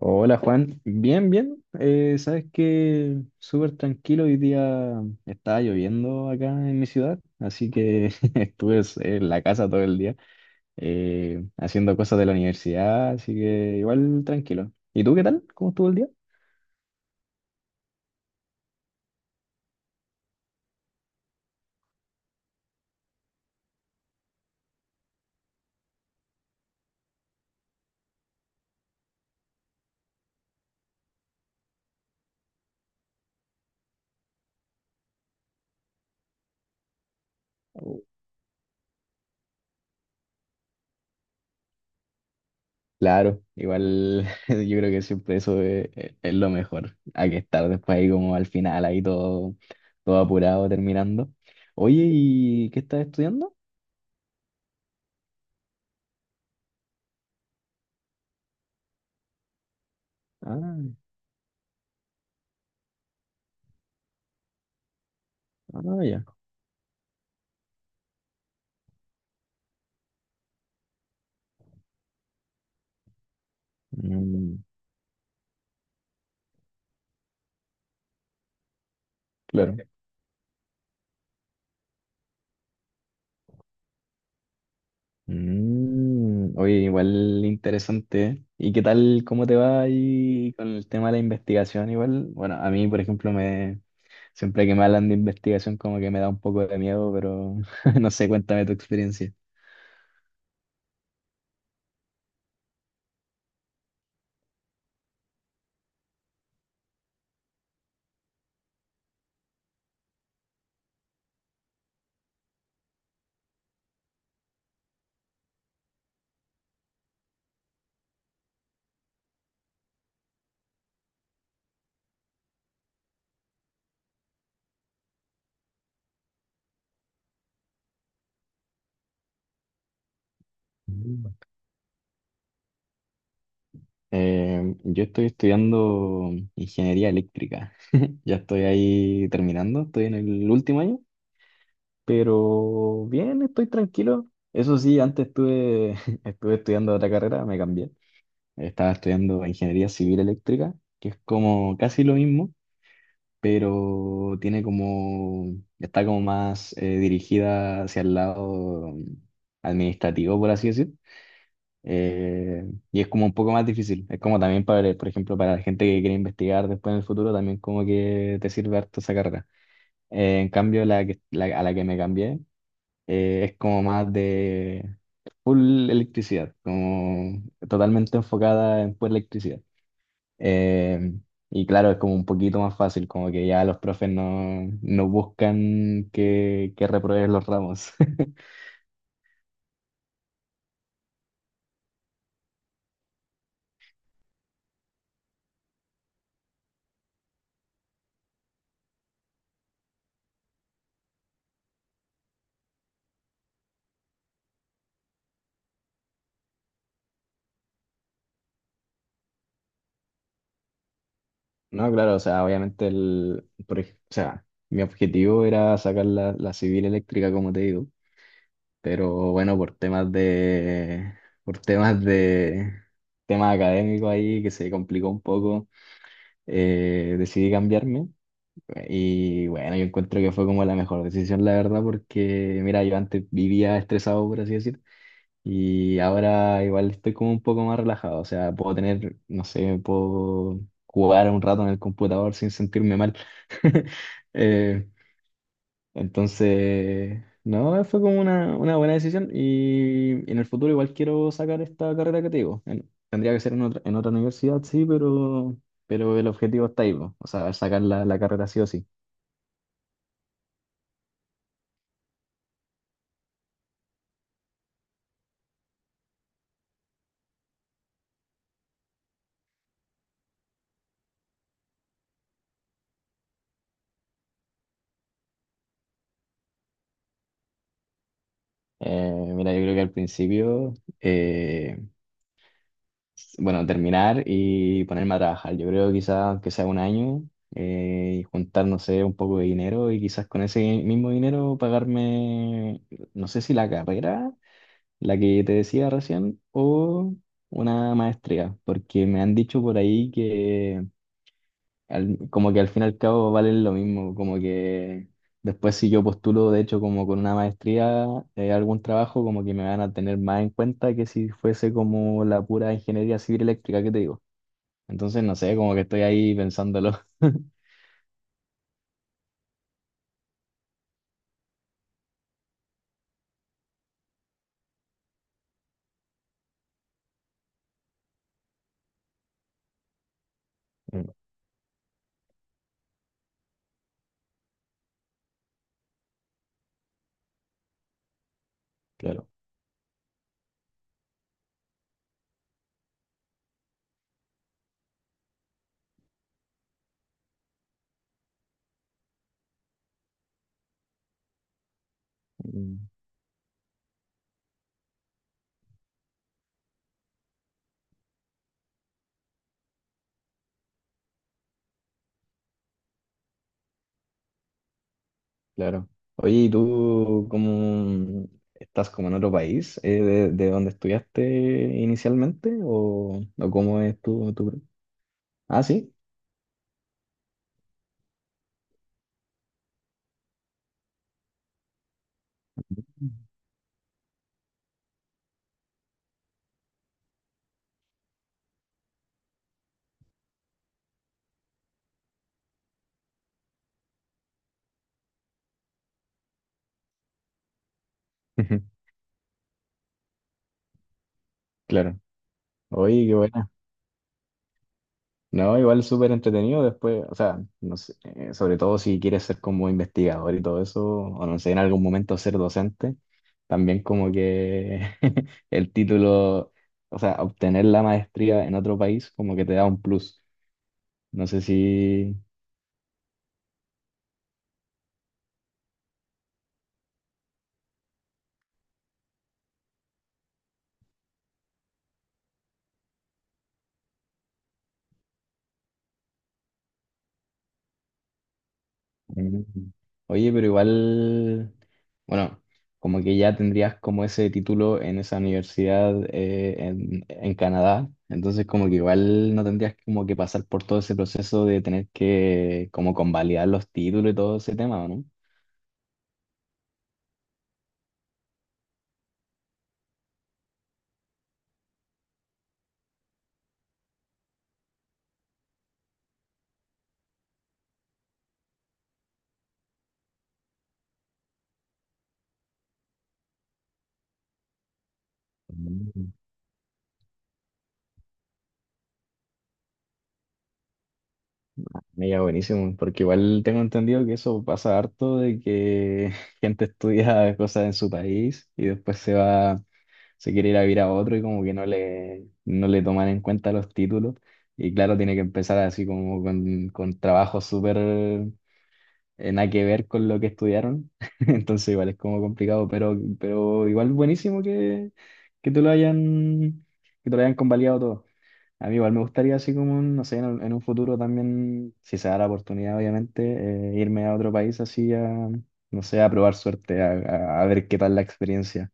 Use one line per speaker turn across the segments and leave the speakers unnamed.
Hola Juan, bien, bien. Sabes que súper tranquilo, hoy día estaba lloviendo acá en mi ciudad, así que estuve en la casa todo el día haciendo cosas de la universidad, así que igual tranquilo. ¿Y tú qué tal? ¿Cómo estuvo el día? Oh. Claro, igual yo creo que siempre eso es lo mejor, hay que estar después ahí como al final, ahí todo apurado terminando. Oye, ¿y qué estás estudiando? Ah, ah, ya. Mm. Claro. Mm, oye, igual interesante, ¿eh? ¿Y qué tal, cómo te va ahí con el tema de la investigación? Igual, bueno, a mí, por ejemplo, me siempre que me hablan de investigación como que me da un poco de miedo, pero no sé, cuéntame tu experiencia. Mm. Yo estoy estudiando ingeniería eléctrica. Ya estoy ahí terminando, estoy en el último año, pero bien, estoy tranquilo. Eso sí, estuve estudiando otra carrera, me cambié. Estaba estudiando ingeniería civil eléctrica, que es como casi lo mismo, pero tiene como, está como más dirigida hacia el lado administrativo, por así decir. Eh, y es como un poco más difícil. Es como también para, por ejemplo, para la gente que quiere investigar después en el futuro, también como que te sirve harto esa carrera. En cambio, la a la que me cambié es como más de full electricidad, como totalmente enfocada en pura electricidad. Eh, y claro, es como un poquito más fácil, como que ya los profes no buscan que repruebes los ramos. No, claro, o sea, obviamente el, por ej- o sea, mi objetivo era sacar la civil eléctrica, como te digo, pero bueno, por temas de, temas académicos ahí, que se complicó un poco. Decidí cambiarme. Y bueno, yo encuentro que fue como la mejor decisión, la verdad, porque mira, yo antes vivía estresado, por así decirlo. Y ahora igual estoy como un poco más relajado, o sea, puedo tener, no sé, puedo jugar un rato en el computador sin sentirme mal. Eh, entonces, no, fue como una buena decisión y en el futuro igual quiero sacar esta carrera que te digo. Tendría que ser en otra universidad, sí, pero el objetivo está ahí, po. O sea, sacar la carrera sí o sí. Mira, yo creo que al principio... eh, bueno, terminar y ponerme a trabajar. Yo creo quizás que sea un año y juntar, no sé, un poco de dinero y quizás con ese mismo dinero pagarme, no sé si la carrera, la que te decía recién, o una maestría, porque me han dicho por ahí que como que al fin y al cabo valen lo mismo, como que después si yo postulo, de hecho, como con una maestría, algún trabajo, como que me van a tener más en cuenta que si fuese como la pura ingeniería civil eléctrica que te digo. Entonces, no sé, como que estoy ahí pensándolo. Mm. Claro, mm, claro. Oye, ¿y tú cómo estás como en otro país de donde estudiaste inicialmente? O cómo es tu, tu... Ah, sí, claro. Oye, qué bueno. No, igual súper entretenido después, o sea, no sé, sobre todo si quieres ser como investigador y todo eso, o no sé, en algún momento ser docente, también como que el título, o sea, obtener la maestría en otro país como que te da un plus. No sé si, mm. Oye, pero igual, bueno, como que ya tendrías como ese título en esa universidad en Canadá, entonces como que igual no tendrías como que pasar por todo ese proceso de tener que como convalidar los títulos y todo ese tema, ¿o ¿no? Mm. Mira, buenísimo, porque igual tengo entendido que eso pasa harto de que gente estudia cosas en su país y después se va, se quiere ir a vivir a otro y como que no le, no le toman en cuenta los títulos. Y claro, tiene que empezar así como con trabajos súper nada que ver con lo que estudiaron. Entonces igual es como complicado, pero igual buenísimo que, que te lo hayan, que te lo hayan convalidado todo. A mí igual me gustaría así como, no sé, en un futuro también, si se da la oportunidad, obviamente, irme a otro país así a, no sé, a probar suerte, a ver qué tal la experiencia.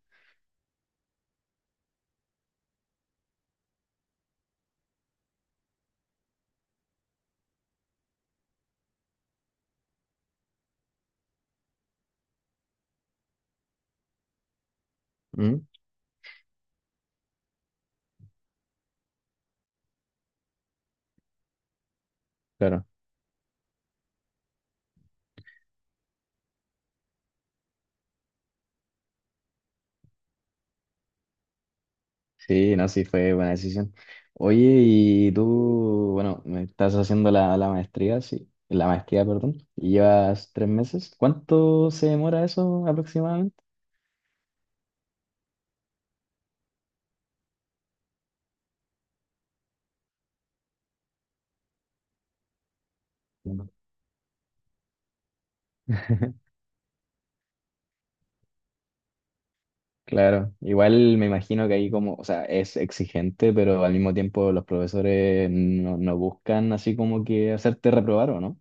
Mm, claro. Sí, no, sí, fue buena decisión. Oye, y tú, bueno, me estás haciendo la maestría, sí, la maestría, perdón, y llevas 3 meses. ¿Cuánto se demora eso aproximadamente? Uno. Claro, igual me imagino que ahí como, o sea, es exigente, pero al mismo tiempo los profesores no buscan así como que hacerte reprobar, ¿o no?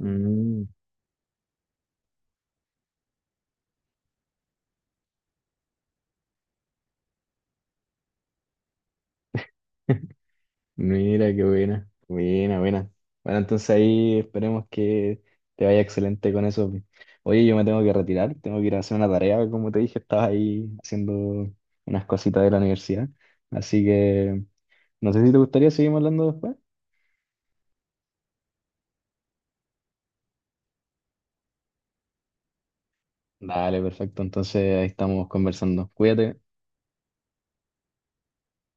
Mm. Mira, qué buena, buena, buena. Bueno, entonces ahí esperemos que te vaya excelente con eso. Oye, yo me tengo que retirar, tengo que ir a hacer una tarea, como te dije, estaba ahí haciendo unas cositas de la universidad. Así que no sé si te gustaría seguir hablando después. Dale, perfecto, entonces ahí estamos conversando. Cuídate.